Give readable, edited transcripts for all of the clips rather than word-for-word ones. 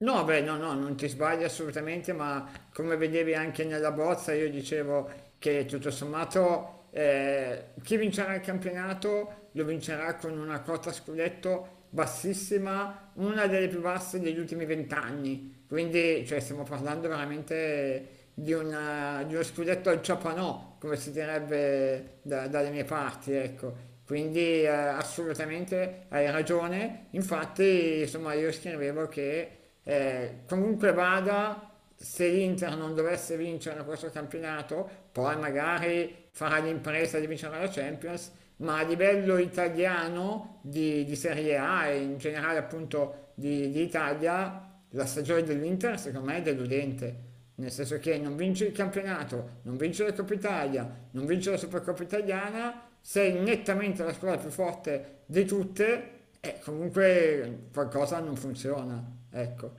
No, beh, no, no, non ti sbagli assolutamente, ma come vedevi anche nella bozza, io dicevo che tutto sommato chi vincerà il campionato lo vincerà con una quota scudetto bassissima, una delle più basse degli ultimi 20 anni. Quindi, cioè, stiamo parlando veramente di uno scudetto al ciapanò, come si direbbe dalle mie parti, ecco. Quindi assolutamente hai ragione, infatti insomma io scrivevo che comunque vada, se l'Inter non dovesse vincere questo campionato, poi magari farà l'impresa di vincere la Champions, ma a livello italiano di Serie A e in generale appunto di Italia, la stagione dell'Inter secondo me è deludente. Nel senso che non vince il campionato, non vince la Coppa Italia, non vince la Supercoppa Italiana, sei nettamente la squadra più forte di tutte, comunque qualcosa non funziona, ecco.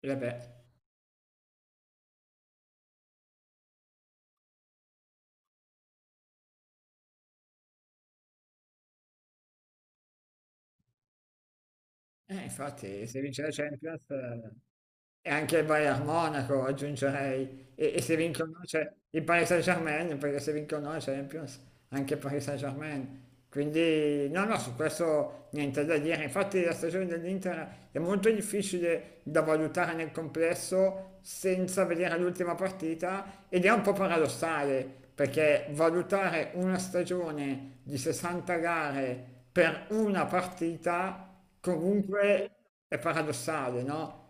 E vabbè, infatti se vince la Champions... E anche il Bayern Monaco aggiungerei, e se vincono c'è il Paris Saint-Germain, perché se vincono la Champions, anche il Paris Saint-Germain. Quindi no, no, su questo niente da dire. Infatti la stagione dell'Inter è molto difficile da valutare nel complesso senza vedere l'ultima partita ed è un po' paradossale, perché valutare una stagione di 60 gare per una partita comunque è paradossale, no?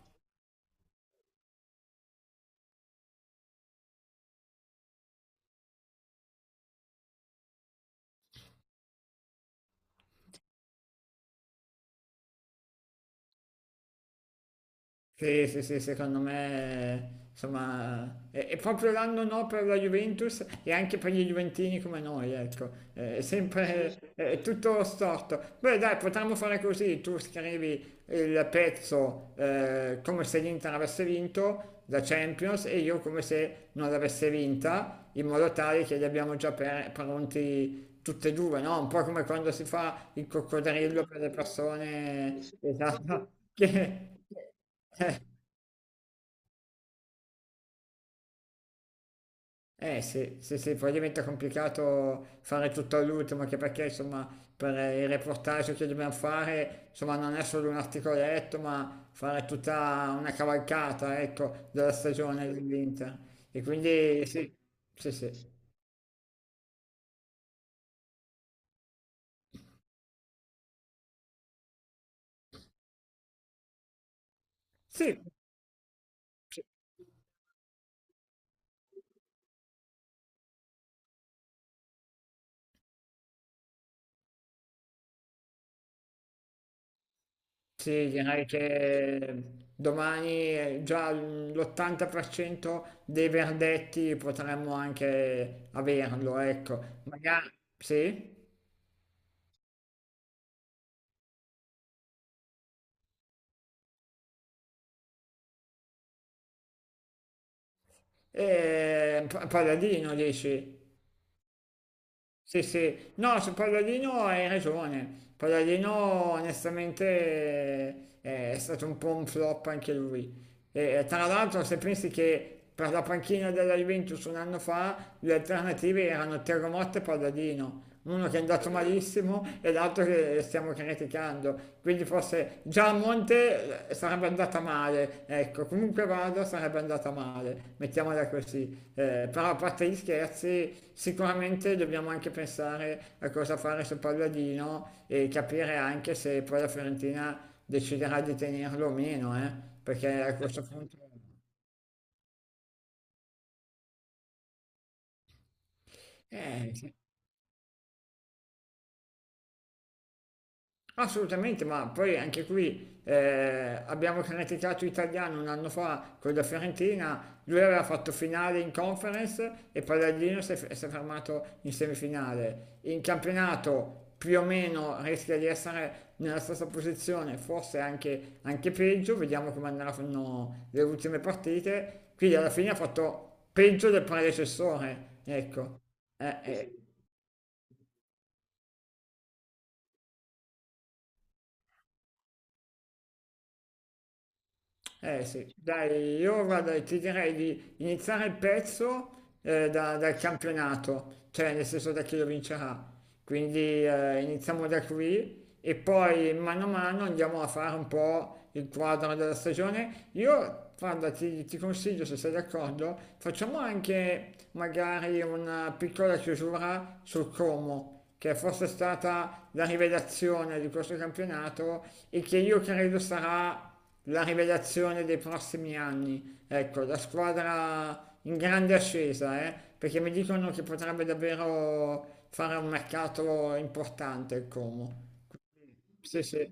Sì, sì, sì, secondo me, insomma, è proprio l'anno no per la Juventus e anche per gli Juventini come noi, ecco. È, sì, sempre sì. È tutto storto. Beh, dai, potremmo fare così, tu scrivi il pezzo, come se l'Inter avesse vinto la Champions e io come se non l'avesse vinta, in modo tale che li abbiamo già pronti tutti e due, no? Un po' come quando si fa il coccodrillo per le persone, esatto, che... Eh, sì, sì, sì, poi diventa complicato fare tutto all'ultimo, anche perché insomma per il reportage che dobbiamo fare, insomma non è solo un articoletto, ma fare tutta una cavalcata, ecco, della stagione dell'Inter. E quindi sì, sì, sì. Sì, sì, sì, direi che domani, già l'80% dei verdetti potremmo anche averlo, ecco. Magari, sì? Palladino dici? Sì, sì. No, su Palladino hai ragione. Palladino onestamente, è stato un po' un flop anche lui. E, tra l'altro, se pensi che per la panchina della Juventus un anno fa le alternative erano Terremoto e Palladino, uno che è andato malissimo e l'altro che stiamo criticando, quindi forse già a Monte, sarebbe andata male, ecco, comunque vada sarebbe andata male, mettiamola così. Però a parte gli scherzi sicuramente dobbiamo anche pensare a cosa fare su Palladino e capire anche se poi la Fiorentina deciderà di tenerlo o meno, perché a questo punto... Eh, assolutamente, ma poi anche qui, abbiamo criticato Italiano un anno fa con la Fiorentina, lui aveva fatto finale in conference e Palladino si è fermato in semifinale. In campionato più o meno rischia di essere nella stessa posizione, forse anche, anche peggio, vediamo come andranno le ultime partite. Quindi alla fine ha fatto peggio del predecessore, ecco. Sì, sì. Eh sì, dai, io guarda, ti direi di iniziare il pezzo, dal campionato, cioè nel senso da chi lo vincerà. Quindi iniziamo da qui e poi mano a mano andiamo a fare un po' il quadro della stagione. Io, guarda, ti consiglio, se sei d'accordo, facciamo anche magari una piccola chiusura sul Como, che forse stata la rivelazione di questo campionato e che io credo sarà la rivelazione dei prossimi anni. Ecco, la squadra in grande ascesa, perché mi dicono che potrebbe davvero fare un mercato importante il Como. Sì, sì.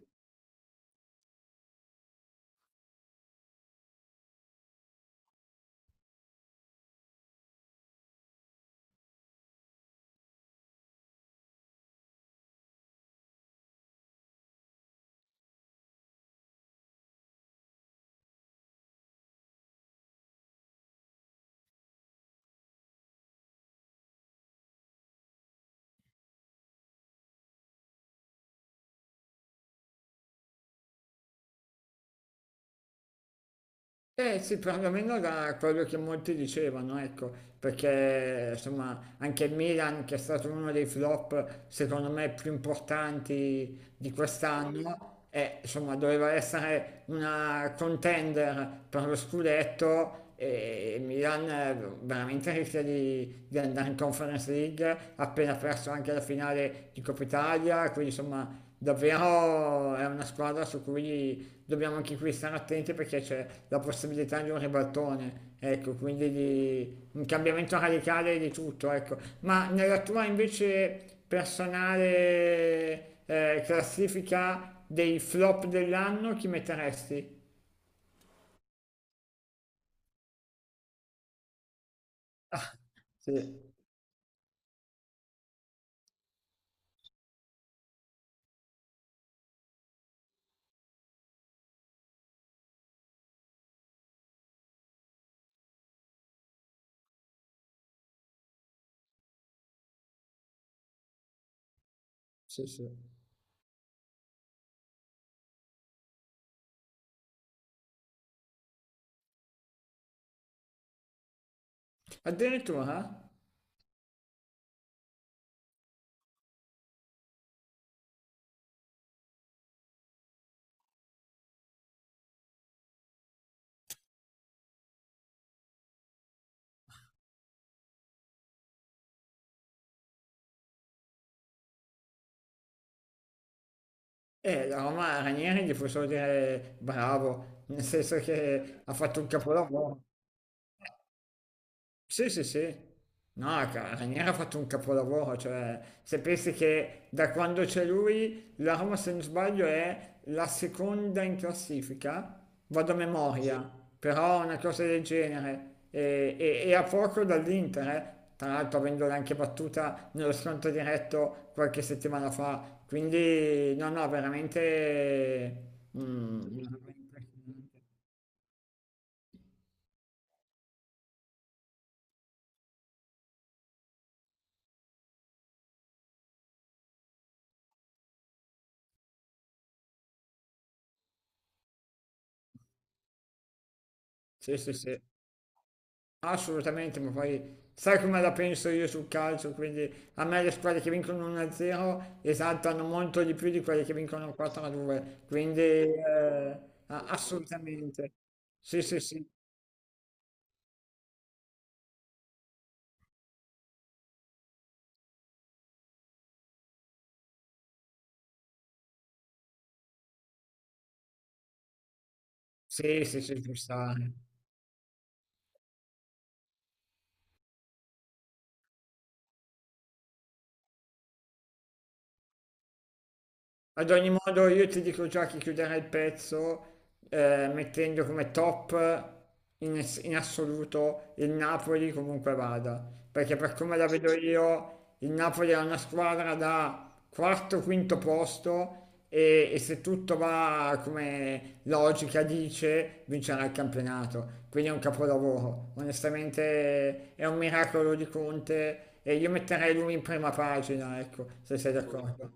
Eh sì, perlomeno da quello che molti dicevano, ecco, perché insomma anche il Milan, che è stato uno dei flop secondo me più importanti di quest'anno, insomma doveva essere una contender per lo scudetto e il Milan, veramente rischia di andare in Conference League, ha appena perso anche la finale di Coppa Italia, quindi insomma davvero è una squadra su cui dobbiamo anche qui stare attenti perché c'è la possibilità di un ribaltone, ecco, quindi di un cambiamento radicale di tutto, ecco. Ma nella tua invece personale, classifica dei flop dell'anno chi metteresti? Sì, sì, sì. Addirittura? La Roma Ranieri gli puoi solo dire bravo, nel senso che ha fatto un capolavoro. Sì, sì, sì. No, Ranieri ha fatto un capolavoro, cioè se pensi che da quando c'è lui la Roma, se non sbaglio, è la seconda in classifica, vado a memoria, però una cosa del genere, e a poco dall'Inter, eh. Tra l'altro avendola anche battuta nello scontro diretto qualche settimana fa, quindi no, no, veramente... Mm, sì, sì, sì. Assolutamente, ma poi sai come la penso io sul calcio, quindi a me le squadre che vincono 1-0 esaltano molto di più di quelle che vincono 4-2, quindi a- assolutamente. Sì, sì, sì, sì, sì, sì, ci sta. Ad ogni modo io ti dico già che chiuderei il pezzo, mettendo come top in assoluto il Napoli comunque vada, perché per come la vedo io il Napoli è una squadra da quarto, quinto posto e se tutto va come logica dice vincerà il campionato, quindi è un capolavoro, onestamente è un miracolo di Conte e io metterei lui in prima pagina, ecco, se sei d'accordo.